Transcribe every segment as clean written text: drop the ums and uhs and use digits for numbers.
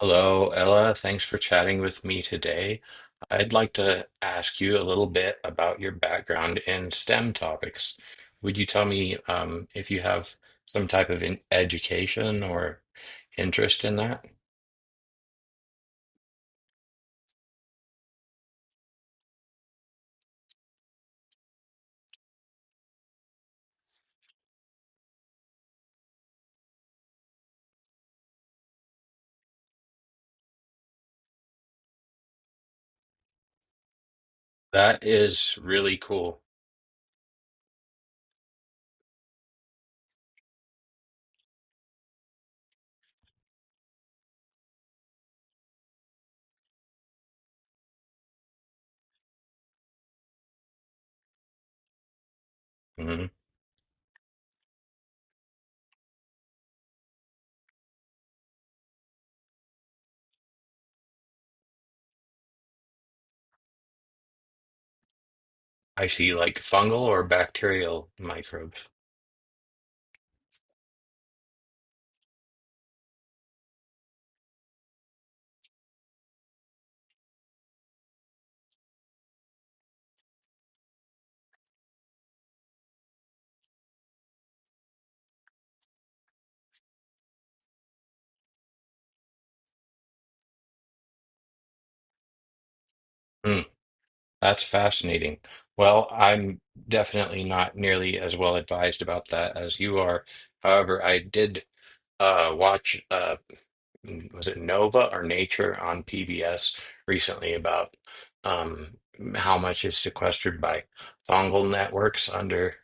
Hello, Ella. Thanks for chatting with me today. I'd like to ask you a little bit about your background in STEM topics. Would you tell me if you have some type of in education or interest in that? That is really cool. Hmm. I see, like fungal or bacterial microbes. Mm, that's fascinating. Well, I'm definitely not nearly as well advised about that as you are. However, I did watch. A Was it Nova or Nature on PBS recently about um, how much is sequestered by fungal networks under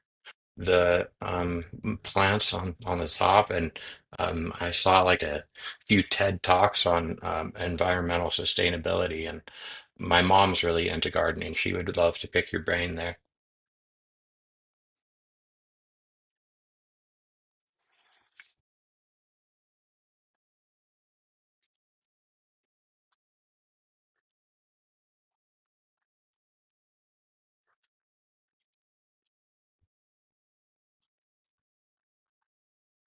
the plants on the top. And I saw like a few TED Talks on environmental sustainability. And my mom's really into gardening. She would love to pick your brain there.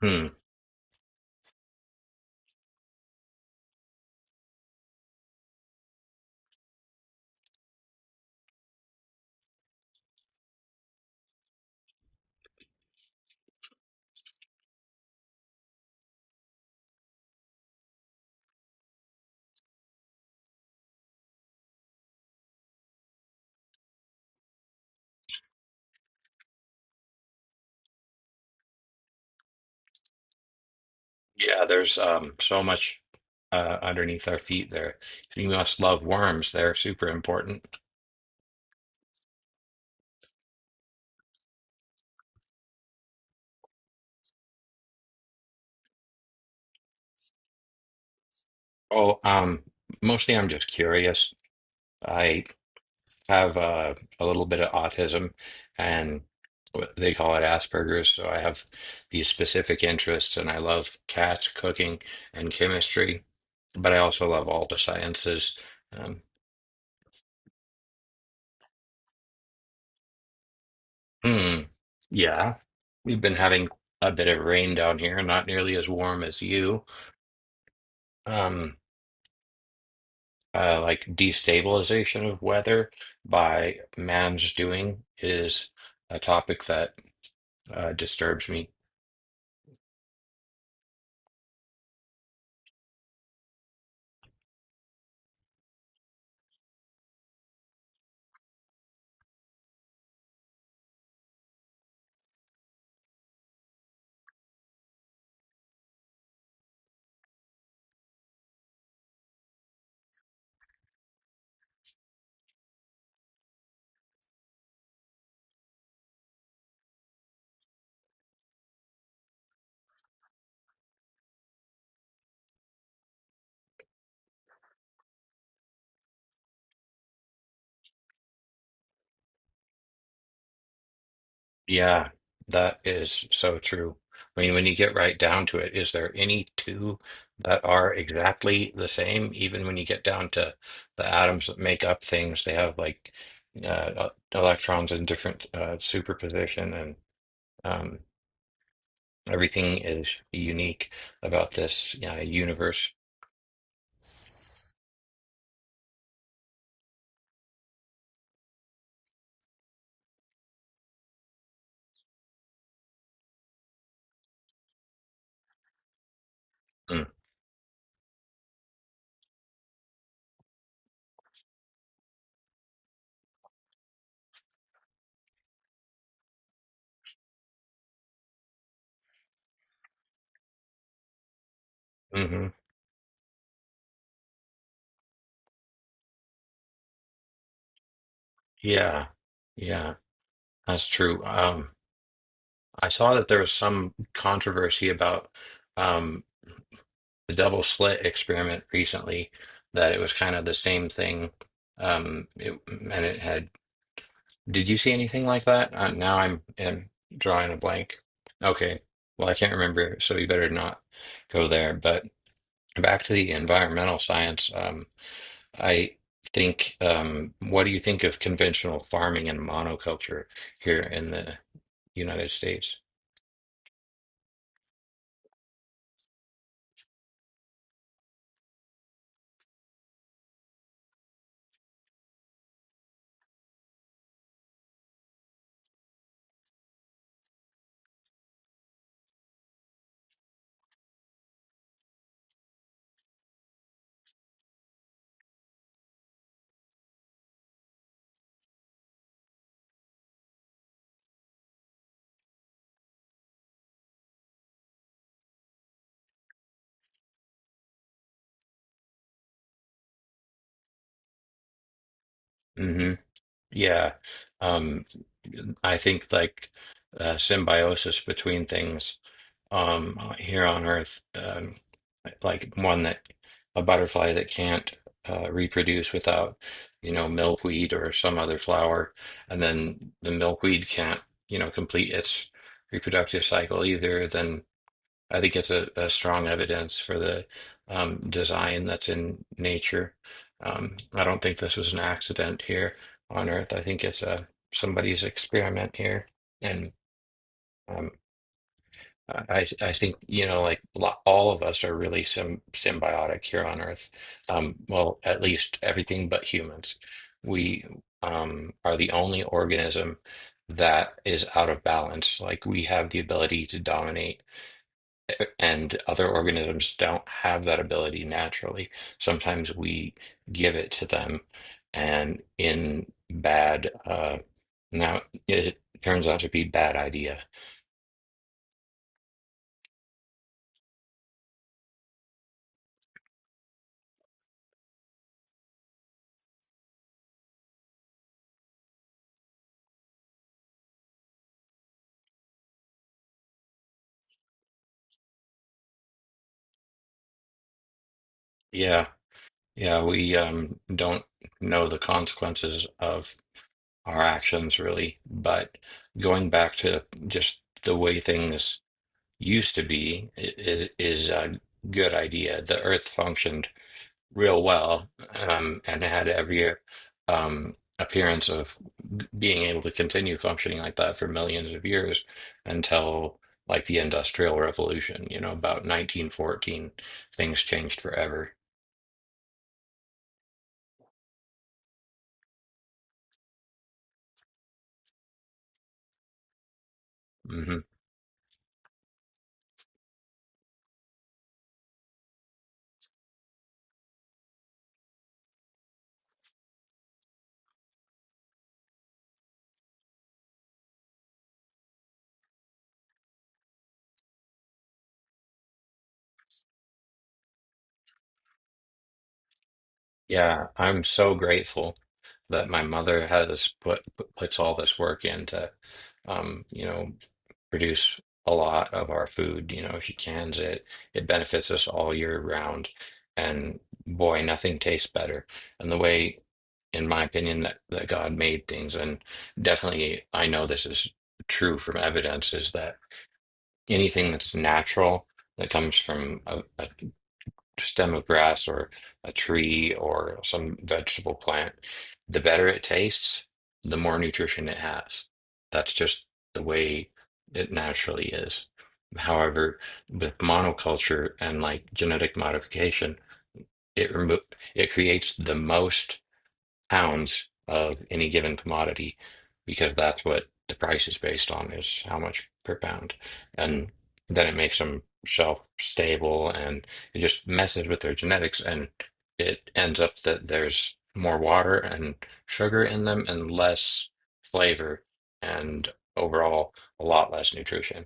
Hmm. Yeah, there's so much underneath our feet there. You must love worms. They're super important. Oh, mostly I'm just curious. I have a little bit of autism and what they call it Asperger's. So I have these specific interests, and I love cats, cooking, and chemistry, but I also love all the sciences. Um, hmm, yeah, we've been having a bit of rain down here, not nearly as warm as you. Um, like destabilization of weather by man's doing is a topic that disturbs me. Yeah, that is so true. I mean, when you get right down to it, is there any two that are exactly the same? Even when you get down to the atoms that make up things, they have like electrons in different superposition, and um, everything is unique about this universe. Mm. Mm-hmm. Yeah, yeah, that's true. I saw that there was some controversy about. Um, the double slit experiment recently, that it was kind of the same thing. It, and it had, did you see anything like that? Now I'm drawing a blank. Okay. Well, I can't remember, so you better not go there. But back to the environmental science, I think, what do you think of conventional farming and monoculture here in the United States? Mm-hmm. Yeah. Um, I think like symbiosis between things, here on Earth, like one that a butterfly that can't reproduce without, you know, milkweed or some other flower, and then the milkweed can't, you know, complete its reproductive cycle either. Then I think it's a strong evidence for the design that's in nature. I don't think this was an accident here on Earth. I think it's a somebody's experiment here, and um, I think, you know, like all of us are really sim symbiotic here on Earth. Well, at least everything but humans. We are the only organism that is out of balance. Like, we have the ability to dominate, and other organisms don't have that ability naturally. Sometimes we give it to them, and in now it turns out to be bad idea. Yeah, yeah, we don't know the consequences of our actions really, but going back to just the way things used to be is a good idea. The Earth functioned real well and had every appearance of being able to continue functioning like that for millions of years until like the Industrial Revolution, you know, about 1914, things changed forever. Hmm. Yeah, I'm so grateful that my mother has puts all this work into, you know, produce a lot of our food. You know, if you cans it, it benefits us all year round. And boy, nothing tastes better. And the way, in my opinion, that, that God made things, and definitely I know this is true from evidence, is that anything that's natural that comes from a stem of grass or a tree or some vegetable plant, the better it tastes, the more nutrition it has. That's just the way it naturally is. However, with monoculture and like genetic modification, it remo- it creates the most pounds of any given commodity, because that's what the price is based on, is how much per pound, and then it makes them shelf stable, and it just messes with their genetics, and it ends up that there's more water and sugar in them and less flavor and overall a lot less nutrition.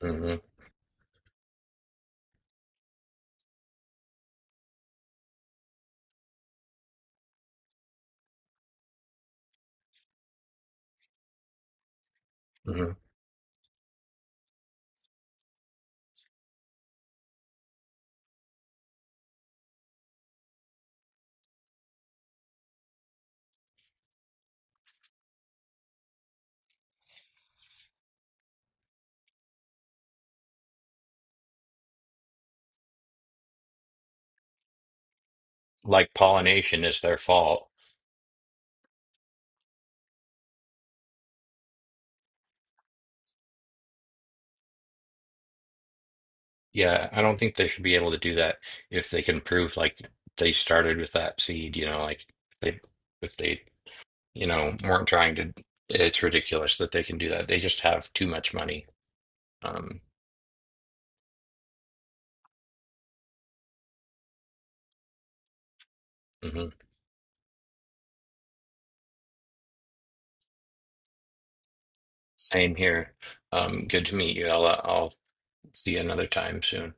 Hmm. Hmm. Like pollination is their fault. Yeah, I don't think they should be able to do that if they can prove like they started with that seed, you know, like they, if they, you know, weren't trying to, it's ridiculous that they can do that. They just have too much money. Um, mhm. Same here. Good to meet you, Ella. I'll see you another time soon.